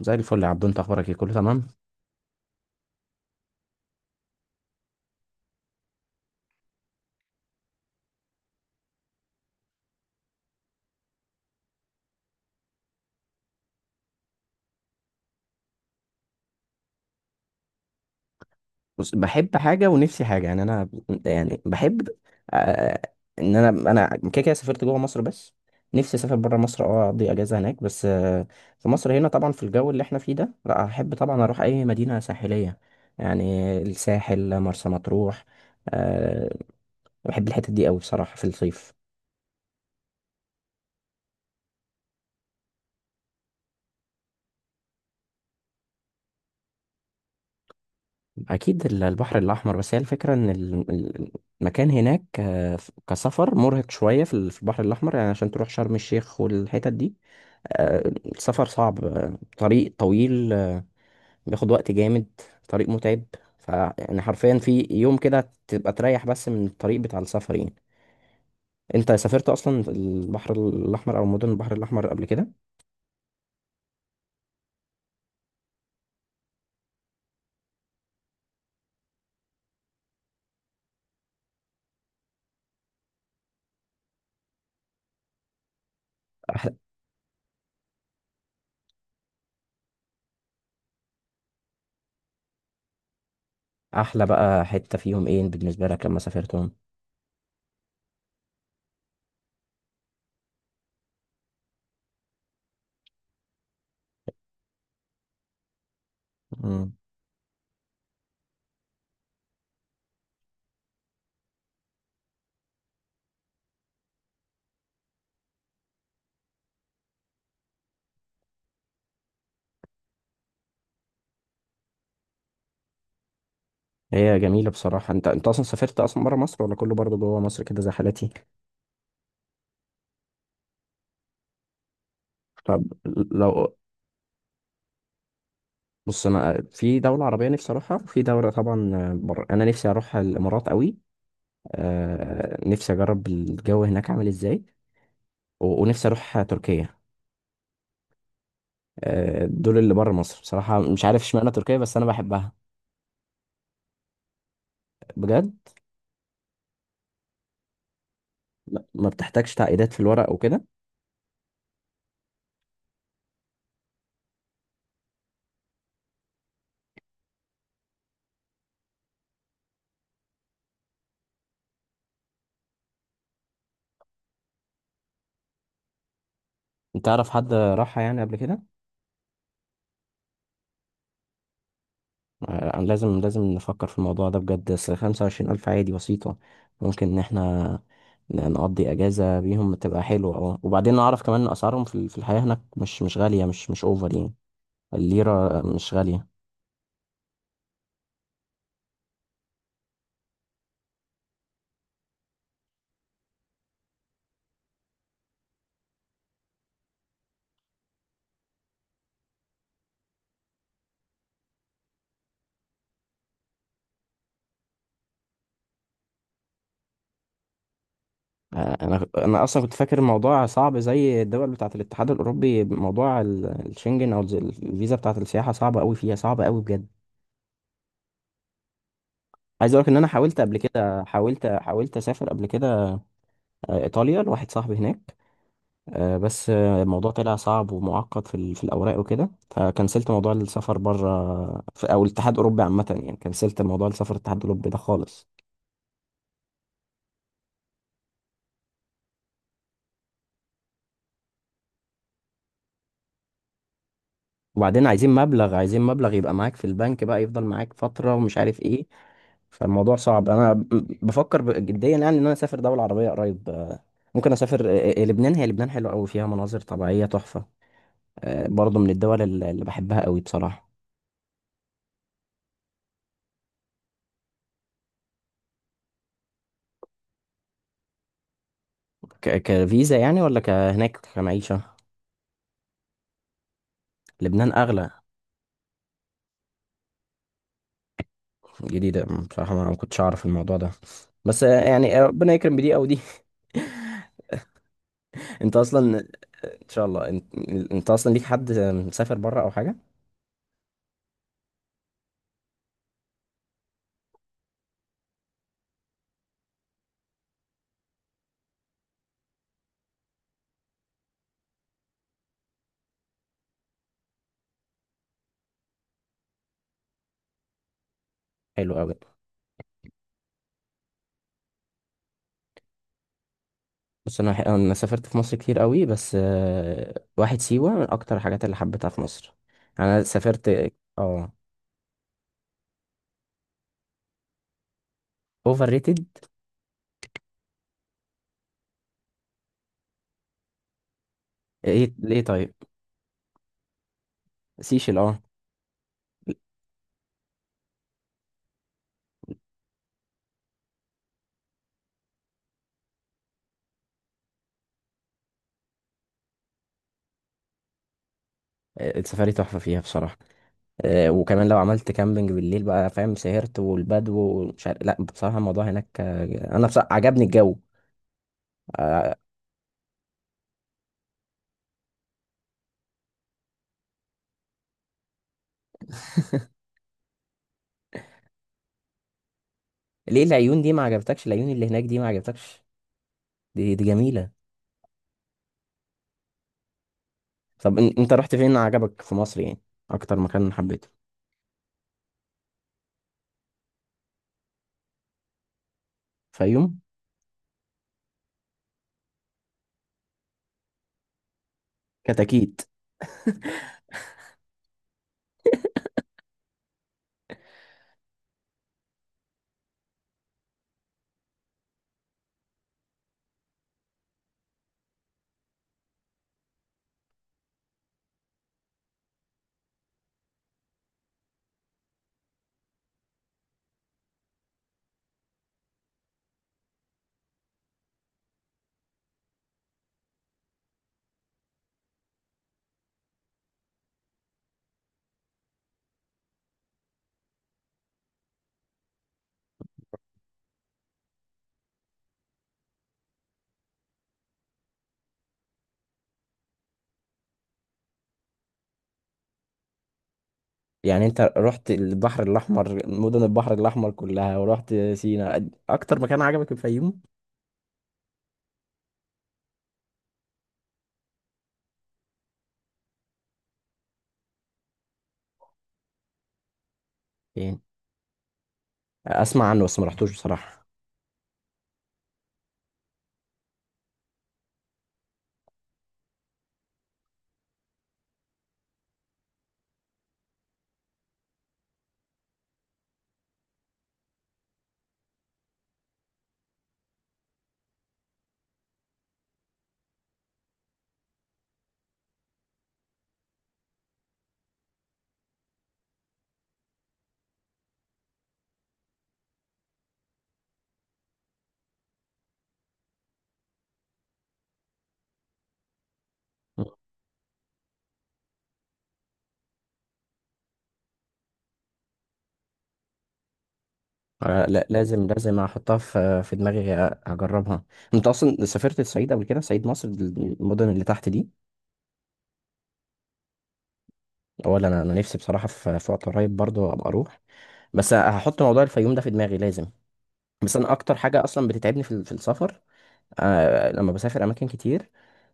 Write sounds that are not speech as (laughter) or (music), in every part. زي الفل يا عبدو، انت اخبارك ايه؟ كله تمام؟ بص، بحب حاجه ونفسي حاجه. يعني انا، يعني بحب، آه ان انا كده كده سافرت جوه مصر بس. نفسي اسافر بره مصر، اقضي اجازه هناك بس. في مصر هنا طبعا، في الجو اللي احنا فيه ده، لا احب طبعا اروح اي مدينه ساحليه يعني. الساحل، مرسى مطروح آه بحب الحتت دي قوي بصراحه في الصيف. اكيد البحر الاحمر، بس هي الفكره ان المكان هناك، كسفر مرهق شويه في البحر الاحمر، يعني عشان تروح شرم الشيخ والحتت دي. السفر صعب، طريق طويل، بياخد وقت جامد، طريق متعب. فيعني حرفيا في يوم كده تبقى تريح بس من الطريق بتاع السفر يعني. انت سافرت اصلا البحر الاحمر او مدن البحر الاحمر قبل كده؟ أح- احلى بقى حته فيهم ايه بالنسبه لك لما سافرتهم؟ هي جميلة بصراحة. انت اصلا سافرت اصلا برا مصر ولا كله برضه جوه مصر كده زي حالتي؟ طب لو بص، انا في دولة عربية نفسي اروحها، وفي دولة طبعا بره انا نفسي اروح الامارات قوي. نفسي اجرب الجو هناك عامل ازاي. ونفسي اروح تركيا. دول اللي بره مصر بصراحة، مش عارف اشمعنى تركيا بس انا بحبها. بجد ما بتحتاجش تعقيدات في الورق وكده. انت تعرف حد راحها يعني قبل كده؟ لازم لازم نفكر في الموضوع ده بجد. أصل 25000 عادي، بسيطة. ممكن إن احنا نقضي أجازة بيهم تبقى حلوة، وبعدين نعرف كمان إن أسعارهم في الحياة هناك مش غالية، مش أوفر يعني. الليرة مش غالية. أنا أصلا كنت فاكر الموضوع صعب زي الدول بتاعة الاتحاد الأوروبي. موضوع الشنجن أو الفيزا بتاعة السياحة صعبة أوي، فيها صعبة أوي بجد. عايز أقولك إن أنا حاولت قبل كده، حاولت أسافر قبل كده، إيطاليا لواحد صاحبي هناك. بس، الموضوع طلع صعب ومعقد في الاوراق وكده، فكنسلت موضوع السفر بره، او الاتحاد الاوروبي عامه يعني. كنسلت موضوع السفر الاتحاد الاوروبي ده خالص. وبعدين عايزين مبلغ يبقى معاك في البنك، بقى يفضل معاك فتره، ومش عارف ايه. فالموضوع صعب. انا بفكر جديا يعني ان انا اسافر دوله عربيه قريب. ممكن اسافر لبنان. هي لبنان حلوه قوي، فيها مناظر طبيعيه تحفه. برضه من الدول اللي بحبها قوي بصراحه. كفيزا يعني ولا كهناك كمعيشه؟ لبنان اغلى. جديدة بصراحة، ما أنا ما كنتش أعرف الموضوع ده. بس، يعني ربنا يكرم بدي أو دي. (laughs) أنت أصلا، إن شاء الله. انت أصلا ليك حد مسافر بره أو حاجة؟ حلو أوي. بس أنا سافرت في مصر كتير أوي، بس، واحد سيوة من أكتر الحاجات اللي حبيتها في مصر. أنا سافرت. أه. أوفر ريتد؟ إيه ليه طيب؟ سيشل، أه. السفاري تحفة فيها بصراحة. وكمان لو عملت كامبينج بالليل بقى، فاهم، سهرت والبدو ومش عارف. لا بصراحة الموضوع هناك، أنا بصراحة عجبني الجو. ليه العيون دي ما عجبتكش؟ العيون اللي هناك دي ما عجبتكش؟ دي جميلة. طب انت رحت فين عجبك في مصر يعني؟ اكتر مكان حبيته؟ فيوم؟ كتاكيت؟ يعني انت رحت البحر الاحمر، مدن البحر الاحمر كلها، ورحت سينا، اكتر مكان عجبك الفيوم يعني؟ اسمع عنه بس ما رحتوش بصراحة. لا، لازم لازم احطها في دماغي، اجربها. انت اصلا سافرت الصعيد قبل كده؟ صعيد مصر، المدن اللي تحت دي؟ ولا انا نفسي بصراحة في وقت قريب برضه ابقى اروح. بس هحط موضوع الفيوم ده في دماغي لازم. بس انا اكتر حاجه اصلا بتتعبني في السفر لما بسافر اماكن كتير،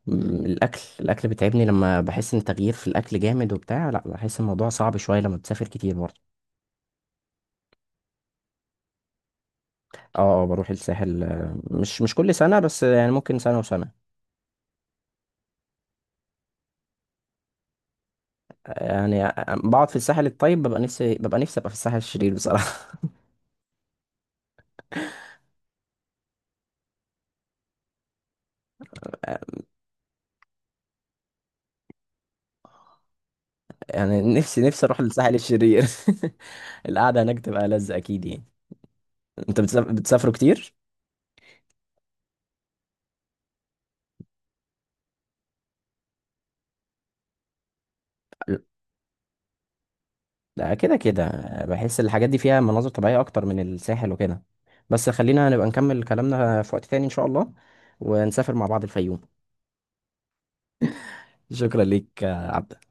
الاكل بيتعبني. لما بحس ان تغيير في الاكل جامد وبتاع، لا بحس الموضوع صعب شويه لما بتسافر كتير برضه. اه. بروح الساحل، مش كل سنه بس يعني، ممكن سنه وسنه. يعني بقعد في الساحل الطيب، ببقى نفسي ابقى في الساحل الشرير بصراحه. (laughs) يعني نفسي اروح للساحل الشرير. (laughs) القعده هناك تبقى لذة اكيد يعني. انت بتسافروا كتير؟ لا، كده كده بحس الحاجات دي فيها مناظر طبيعية أكتر من الساحل وكده. بس خلينا نبقى نكمل كلامنا في وقت تاني إن شاء الله، ونسافر مع بعض الفيوم. شكرا ليك يا عبد.